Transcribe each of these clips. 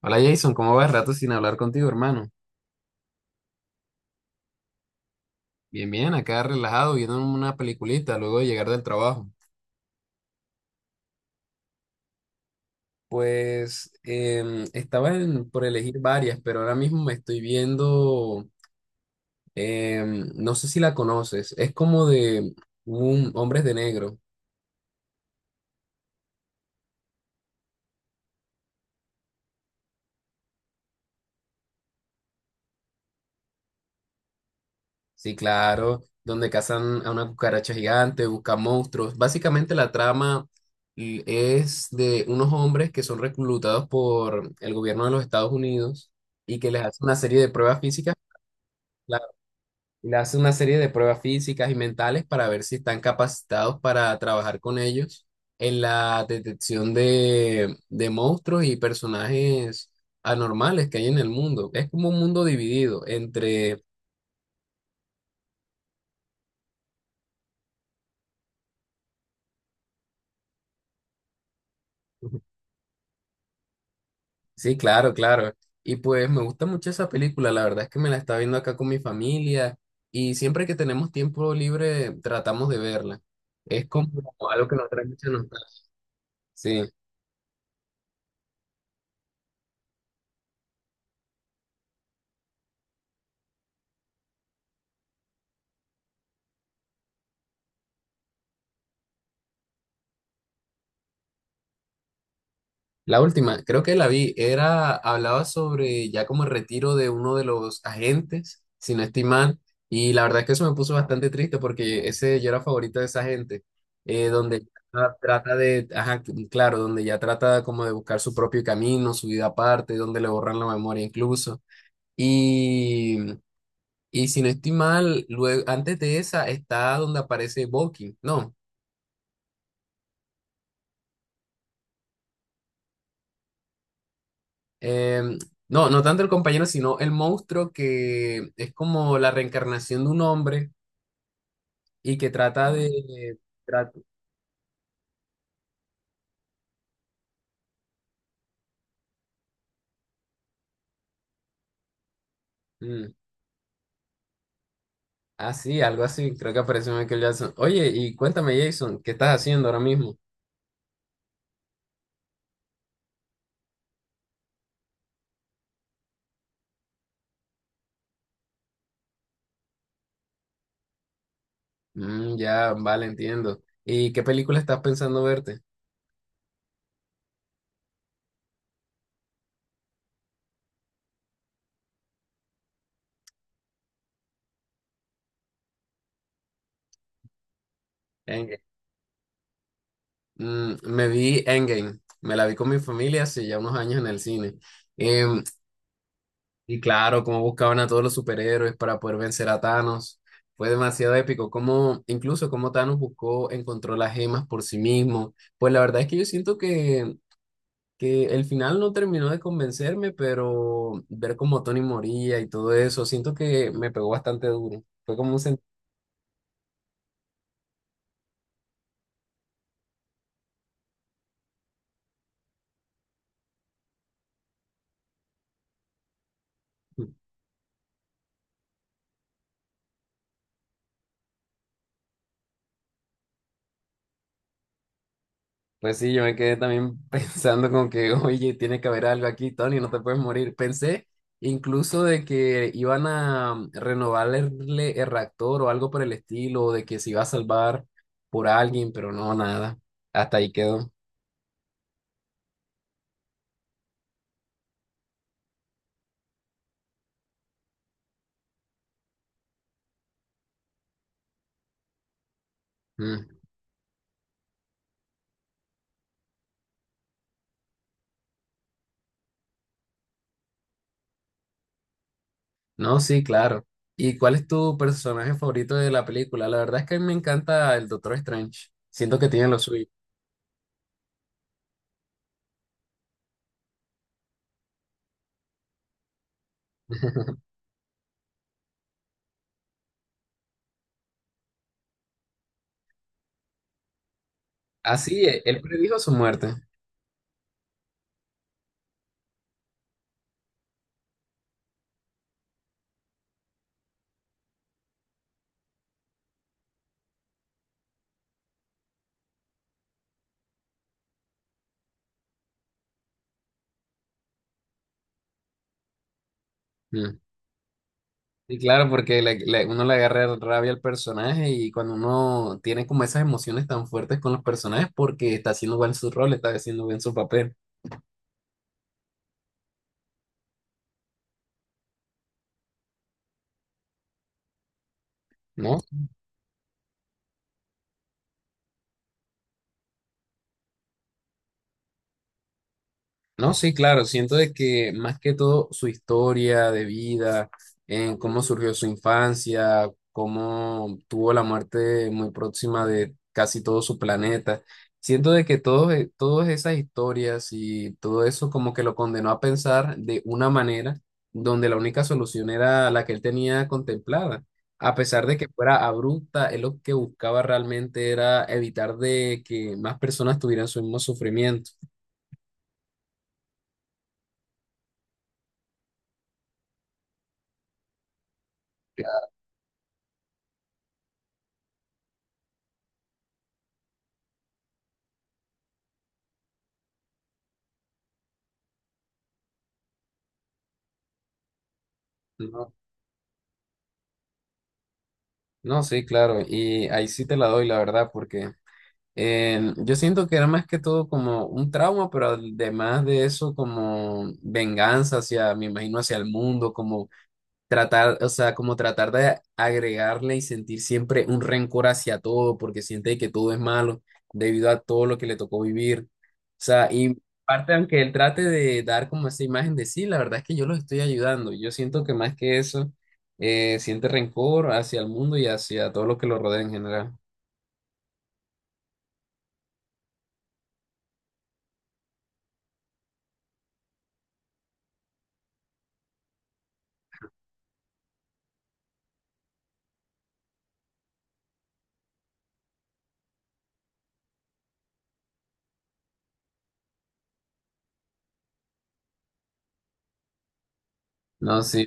Hola Jason, ¿cómo vas? Rato sin hablar contigo, hermano. Bien, bien, acá relajado, viendo una peliculita luego de llegar del trabajo. Pues estaba por elegir varias, pero ahora mismo me estoy viendo, no sé si la conoces, es como de un Hombres de Negro, sí, claro, donde cazan a una cucaracha gigante, buscan monstruos. Básicamente la trama es de unos hombres que son reclutados por el gobierno de los Estados Unidos y que les hace una serie de pruebas físicas. Claro. Y le hace una serie de pruebas físicas y mentales para ver si están capacitados para trabajar con ellos en la detección de monstruos y personajes anormales que hay en el mundo. Es como un mundo dividido entre… Sí, claro, claro. Y pues me gusta mucho esa película, la verdad es que me la está viendo acá con mi familia y siempre que tenemos tiempo libre tratamos de verla. Es como algo que nos trae mucha nostalgia. Sí. La última, creo que la vi, era, hablaba sobre ya como el retiro de uno de los agentes, si no estoy mal, y la verdad es que eso me puso bastante triste porque ese yo era favorito de esa gente, donde ya trata de, ajá, claro, donde ya trata como de buscar su propio camino, su vida aparte, donde le borran la memoria incluso. Y, y si no estoy mal, luego, antes de esa está donde aparece Bucky, ¿no? Em, no, no tanto el compañero, sino el monstruo que es como la reencarnación de un hombre y que trata… Ah, de… Trata, mm, ah, sí, algo así, creo que apareció Michael Jackson. Oye, y cuéntame, Jason, ¿qué estás haciendo ahora mismo? Mm, ya, vale, entiendo. ¿Y qué película estás pensando verte? Endgame. Mm, me vi Endgame, me la vi con mi familia hace ya unos años en el cine. Em, Y claro, cómo buscaban a todos los superhéroes para poder vencer a Thanos. Fue demasiado épico. Como, incluso cómo Thanos buscó, encontró las gemas por sí mismo. Pues la verdad es que yo siento que el final no terminó de convencerme, pero ver cómo Tony moría y todo eso, siento que me pegó bastante duro. Fue como un sentido. Pues sí, yo me quedé también pensando como que, oye, tiene que haber algo aquí, Tony, no te puedes morir. Pensé incluso de que iban a renovarle el reactor o algo por el estilo, o de que se iba a salvar por alguien, pero no, nada. Hasta ahí quedó. Mm. No, sí, claro. ¿Y cuál es tu personaje favorito de la película? La verdad es que a mí me encanta el Doctor Strange. Siento que tiene lo suyo. Así, él predijo su muerte. Mm. Y claro, porque uno le agarra rabia al personaje y cuando uno tiene como esas emociones tan fuertes con los personajes porque está haciendo bien su rol, está haciendo bien su papel, ¿no? No, sí, claro, siento de que más que todo su historia de vida, en cómo surgió su infancia, cómo tuvo la muerte muy próxima de casi todo su planeta, siento de que todas esas historias y todo eso como que lo condenó a pensar de una manera donde la única solución era la que él tenía contemplada. A pesar de que fuera abrupta, él lo que buscaba realmente era evitar de que más personas tuvieran su mismo sufrimiento. No, sí, claro, y ahí sí te la doy, la verdad, porque yo siento que era más que todo como un trauma, pero además de eso, como venganza hacia, me imagino, hacia el mundo, como tratar, o sea, como tratar de agregarle y sentir siempre un rencor hacia todo, porque siente que todo es malo debido a todo lo que le tocó vivir. O sea, y parte, aunque él trate de dar como esa imagen de sí, la verdad es que yo los estoy ayudando. Yo siento que más que eso, siente rencor hacia el mundo y hacia todo lo que lo rodea en general. No, sí.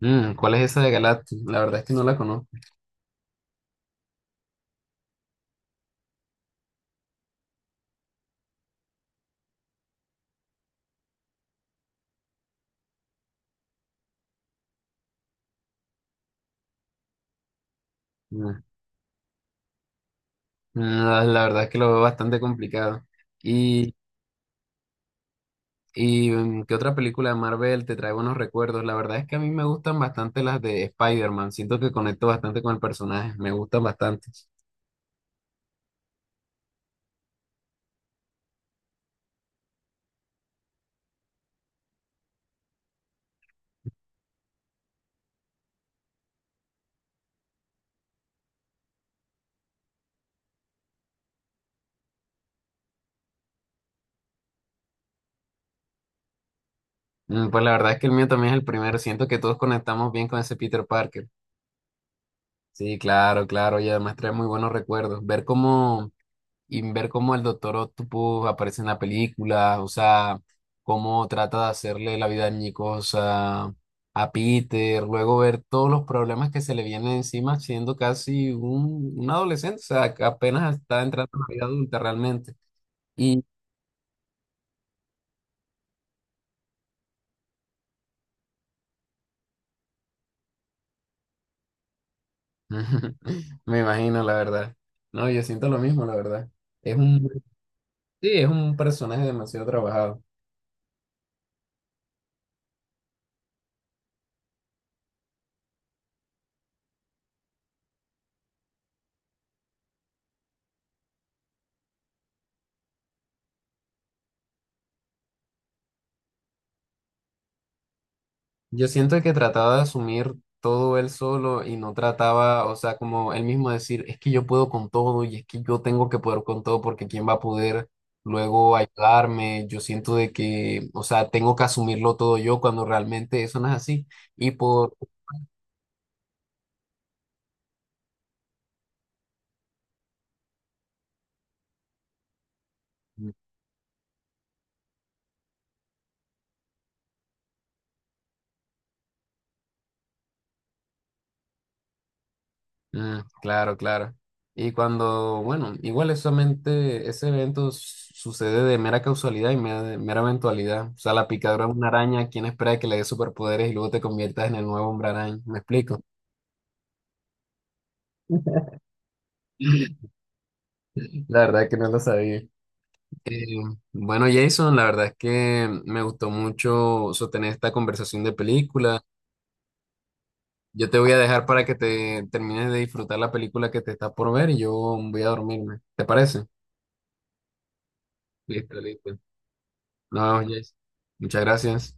Mm, ¿cuál es esa de Galactus? La verdad es que no la conozco. Mm, mm, la verdad es que lo veo bastante complicado. Y ¿Y qué otra película de Marvel te trae buenos recuerdos? La verdad es que a mí me gustan bastante las de Spider-Man. Siento que conecto bastante con el personaje. Me gustan bastante. Mm, pues la verdad es que el mío también es el primero. Siento que todos conectamos bien con ese Peter Parker. Sí, claro, claro. Y además trae muy buenos recuerdos. Ver cómo y ver cómo el Doctor Octopus aparece en la película, o sea, cómo trata de hacerle la vida añicosa a Peter, luego ver todos los problemas que se le vienen encima siendo casi un adolescente, o sea, que apenas está entrando en la vida adulta realmente. Y me imagino, la verdad. No, yo siento lo mismo, la verdad. Es un, sí, es un personaje demasiado trabajado. Yo siento que trataba de asumir todo él solo y no trataba, o sea, como él mismo decir, es que yo puedo con todo y es que yo tengo que poder con todo porque ¿quién va a poder luego ayudarme? Yo siento de que, o sea, tengo que asumirlo todo yo cuando realmente eso no es así. Y por… Mm, claro, claro. Y cuando, bueno, igual es solamente ese evento sucede de mera causalidad y mera eventualidad. O sea, la picadura de una araña, ¿quién espera que le dé superpoderes y luego te conviertas en el nuevo hombre araña? ¿Me explico? La verdad que no lo sabía. Eh, bueno, Jason, la verdad es que me gustó mucho sostener esta conversación de película. Yo te voy a dejar para que te termines de disfrutar la película que te está por ver y yo voy a dormirme. ¿Te parece? Listo, listo. Nos vemos, Jason. Muchas gracias.